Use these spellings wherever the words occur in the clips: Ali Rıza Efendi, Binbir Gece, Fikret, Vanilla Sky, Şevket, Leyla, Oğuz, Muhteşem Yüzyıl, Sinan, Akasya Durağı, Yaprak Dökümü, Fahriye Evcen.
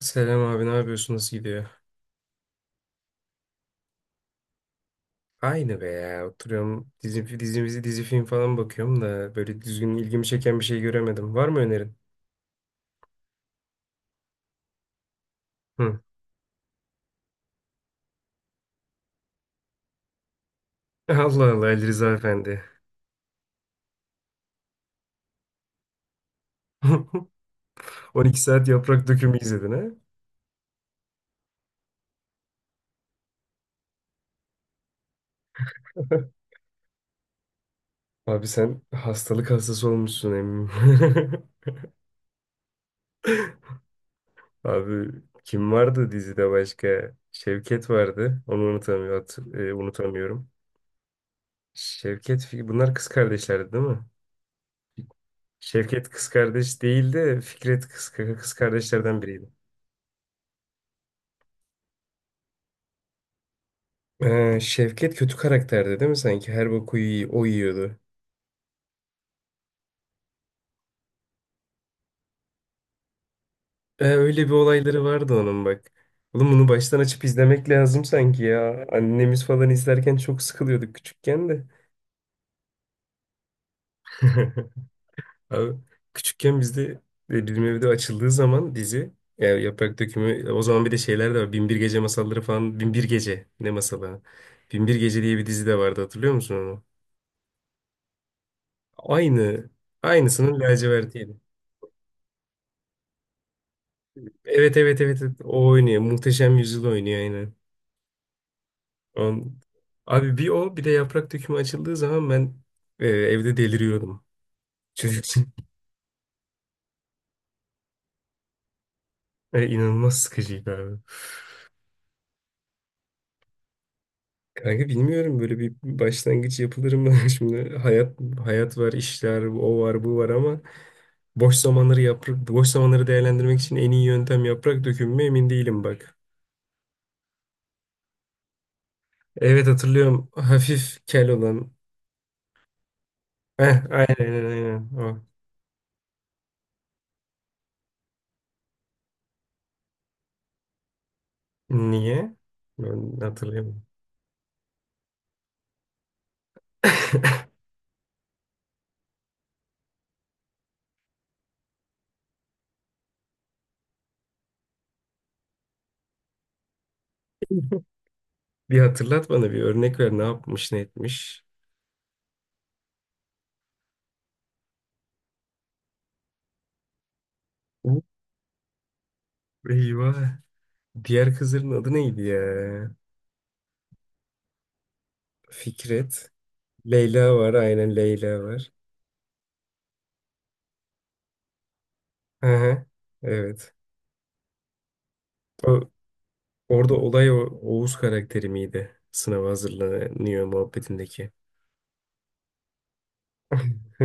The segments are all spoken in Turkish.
Selam abi, ne yapıyorsun, nasıl gidiyor? Aynı be ya, oturuyorum, dizi film falan bakıyorum da böyle düzgün ilgimi çeken bir şey göremedim. Var mı önerin? Hı. Allah Allah, Ali Rıza Efendi. 12 saat yaprak dökümü izledin ha? Abi, sen hastalık hastası olmuşsun eminim. Abi, kim vardı dizide başka? Şevket vardı. Onu unutamıyorum. Unutamıyorum. Bunlar kız kardeşlerdi değil mi? Şevket kız kardeş değildi. Fikret, kız kardeşlerden biriydi. Şevket kötü karakterdi değil mi sanki? Her boku iyi, o yiyordu. Öyle bir olayları vardı onun, bak. Oğlum, bunu baştan açıp izlemek lazım sanki ya. Annemiz falan izlerken çok sıkılıyorduk küçükken de. Abi, küçükken bizde, bizim evde açıldığı zaman dizi, yani Yaprak Dökümü, o zaman bir de şeyler de var. Binbir Gece masalları falan. Binbir Gece ne masalı? Ha? Binbir Gece diye bir dizi de vardı, hatırlıyor musun onu? Aynı. Aynısının lacivertiydi. Evet, evet, evet, evet. O oynuyor. Muhteşem Yüzyıl oynuyor aynen. On... Abi, bir o bir de yaprak dökümü açıldığı zaman ben, evde deliriyordum. Çocuk için. İnanılmaz sıkıcıydı abi. Kanka, bilmiyorum, böyle bir başlangıç yapılır mı? Şimdi hayat var, işler, o var, bu var ama boş zamanları yaprak boş zamanları değerlendirmek için en iyi yöntem yaprak dökümü mü emin değilim, bak. Evet, hatırlıyorum. Hafif kel olan. Heh, aynen. O. Niye? Ben hatırlayamadım. Bir hatırlat bana, bir örnek ver, ne yapmış, ne etmiş. Uh, Eyvah. Diğer kızların adı neydi ya? Fikret. Leyla var, aynen, Leyla var. Hı hı. Evet. O, Orada olay o, Oğuz karakteri miydi? Sınava hazırlanıyor muhabbetindeki.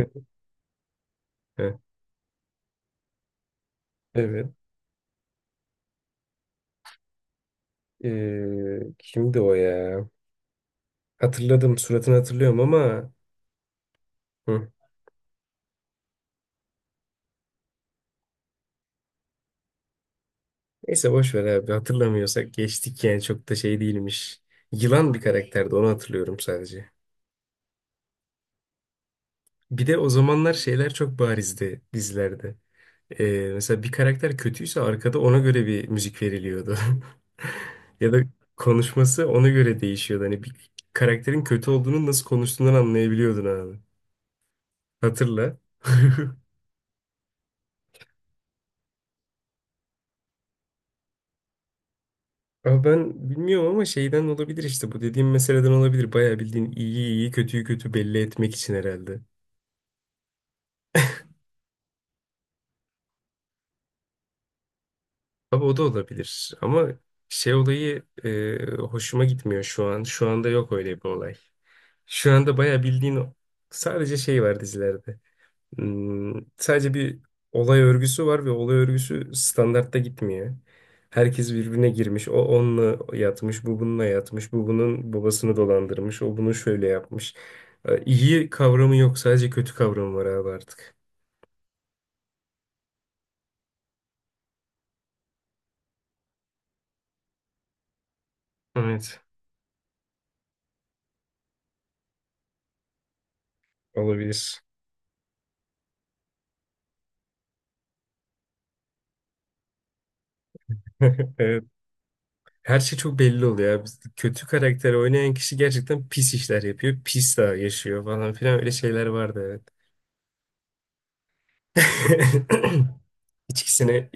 Heh. Evet. Kimdi o ya? Hatırladım, suratını hatırlıyorum ama... Hı. Neyse boş ver abi, hatırlamıyorsak geçtik, yani çok da şey değilmiş. Yılan bir karakterdi, onu hatırlıyorum sadece. Bir de o zamanlar şeyler çok barizdi dizilerde. Mesela bir karakter kötüyse arkada ona göre bir müzik veriliyordu. Ya da konuşması ona göre değişiyordu. Hani bir karakterin kötü olduğunu nasıl konuştuğundan anlayabiliyordun abi. Hatırla. Ama ben bilmiyorum, ama şeyden olabilir, işte bu dediğim meseleden olabilir. Bayağı bildiğin iyiyi iyi, kötüyü kötü belli etmek için herhalde. Abi, o da olabilir ama şey olayı hoşuma gitmiyor şu an. Şu anda yok öyle bir olay. Şu anda bayağı bildiğin sadece şey var dizilerde. Hmm, sadece bir olay örgüsü var ve olay örgüsü standartta gitmiyor. Herkes birbirine girmiş. O onunla yatmış, bu bununla yatmış, bu bunun babasını dolandırmış, o bunu şöyle yapmış. İyi kavramı yok, sadece kötü kavramı var abi artık. Evet, olabilir. Evet. Her şey çok belli oluyor ya. Kötü karakter oynayan kişi gerçekten pis işler yapıyor. Pis daha yaşıyor falan filan, öyle şeyler vardı, evet. İçkisine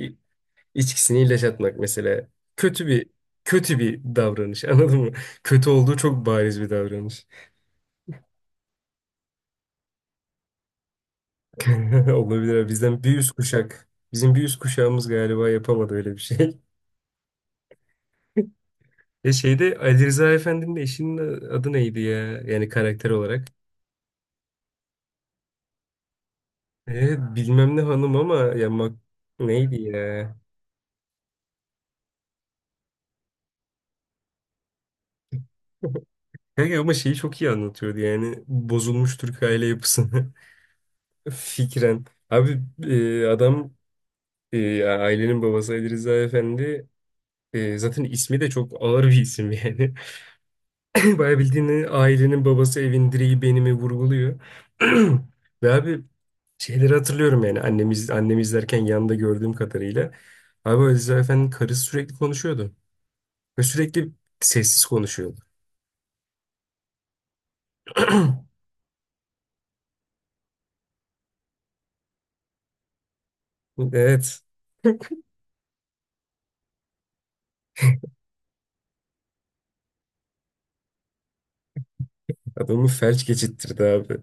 içkisini ilaç atmak mesela. Kötü bir Kötü bir davranış, anladın mı? Kötü olduğu çok bariz bir davranış. Olabilir abi. Bizden bir üst kuşak. Bizim bir üst kuşağımız galiba yapamadı öyle bir şey. E şeyde Ali Rıza Efendi'nin eşinin adı neydi ya? Yani karakter olarak. Evet, bilmem ne hanım, ama ya neydi ya? Kanka, ama şeyi çok iyi anlatıyordu, yani bozulmuş Türk aile yapısını fikren. Abi, adam, ya ailenin babası Ali Rıza Efendi, zaten ismi de çok ağır bir isim yani. Bayağı bildiğin, ailenin babası, evin direği benimi vurguluyor. Ve abi, şeyleri hatırlıyorum, yani annemi izlerken yanında gördüğüm kadarıyla. Abi, Ali Rıza Efendi'nin karısı sürekli konuşuyordu. Ve sürekli sessiz konuşuyordu. Evet. Adamı felç geçittirdi abi.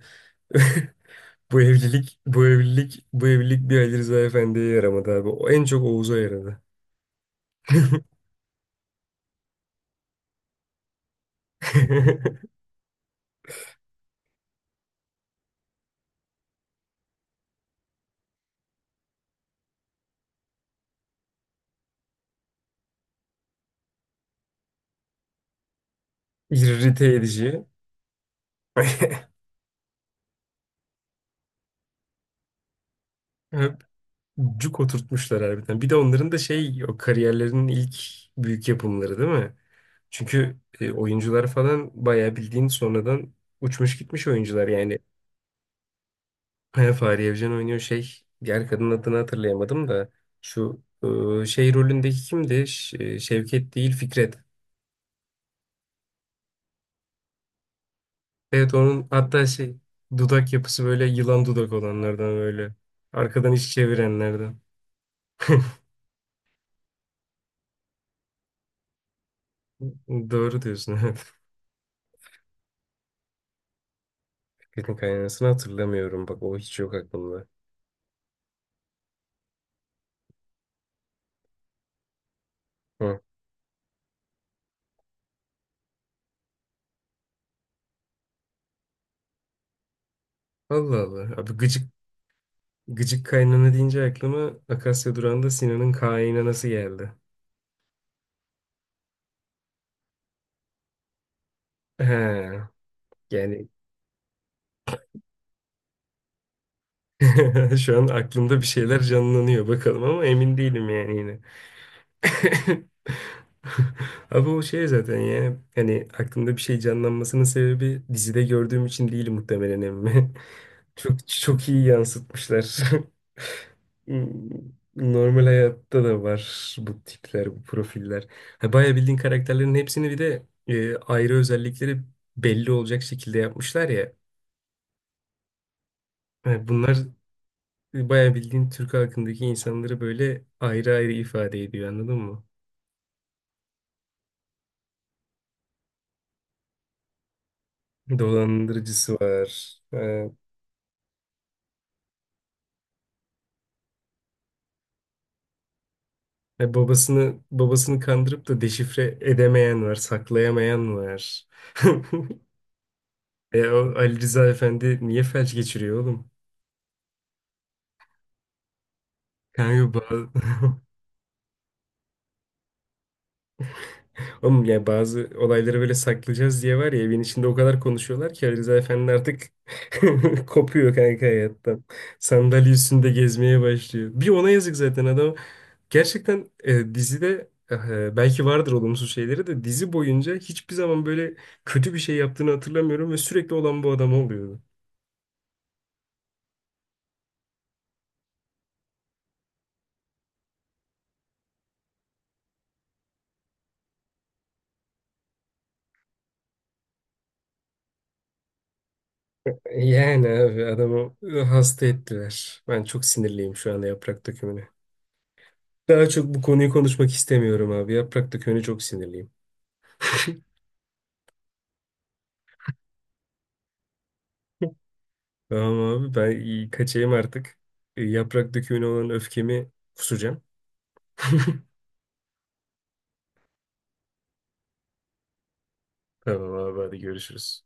Bu evlilik bir Ali Rıza Efendi'ye yaramadı abi. O en çok Oğuz'a yaradı. İrrite edici. hep Cuk oturtmuşlar harbiden. Bir de onların da şey, o kariyerlerinin ilk büyük yapımları değil mi? Çünkü oyuncular falan bayağı bildiğin sonradan uçmuş gitmiş oyuncular yani. He, Fahriye Evcen oynuyor şey. Diğer kadının adını hatırlayamadım da. Şu şey rolündeki kimdi? Şevket değil, Fikret. Evet, onun hatta şey, dudak yapısı böyle yılan dudak olanlardan böyle. Arkadan iş çevirenlerden. Doğru diyorsun, evet. Fikret'in kaynanasını hatırlamıyorum. Bak, o hiç yok aklımda. Hı. Allah Allah. Abi, gıcık kaynana deyince aklıma Akasya Durağı'nda Sinan'ın kaynanası geldi. He. Yani şu an aklımda bir şeyler canlanıyor, bakalım ama emin değilim yani yine. Abi, o şey zaten ya. Hani aklımda bir şey canlanmasının sebebi dizide gördüğüm için değil muhtemelen, emmi. Çok iyi yansıtmışlar. Normal hayatta da var bu tipler, bu profiller. Ha, bayağı bildiğin karakterlerin hepsini bir de ayrı özellikleri belli olacak şekilde yapmışlar ya. Ha, bunlar bayağı bildiğin Türk halkındaki insanları böyle ayrı ayrı ifade ediyor, anladın mı? Dolandırıcısı var. Babasını kandırıp da deşifre edemeyen var, saklayamayan var. E, o Ali Rıza Efendi niye felç geçiriyor oğlum? Kanka, bazı... Oğlum ya, bazı olayları böyle saklayacağız diye var ya, evin içinde o kadar konuşuyorlar ki Ali Rıza Efendi artık kopuyor kanka hayattan. Sandalye üstünde gezmeye başlıyor. Bir ona yazık zaten adam. Gerçekten, dizide belki vardır olumsuz şeyleri de, dizi boyunca hiçbir zaman böyle kötü bir şey yaptığını hatırlamıyorum ve sürekli olan bu adam oluyordu. Yani abi adamı hasta ettiler. Ben çok sinirliyim şu anda Yaprak Dökümü'ne. Daha çok bu konuyu konuşmak istemiyorum abi. Yaprak Dökümü'ne çok sinirliyim. Tamam abi, ben kaçayım artık. E, Yaprak Dökümü'ne olan öfkemi kusacağım. Tamam abi, hadi görüşürüz.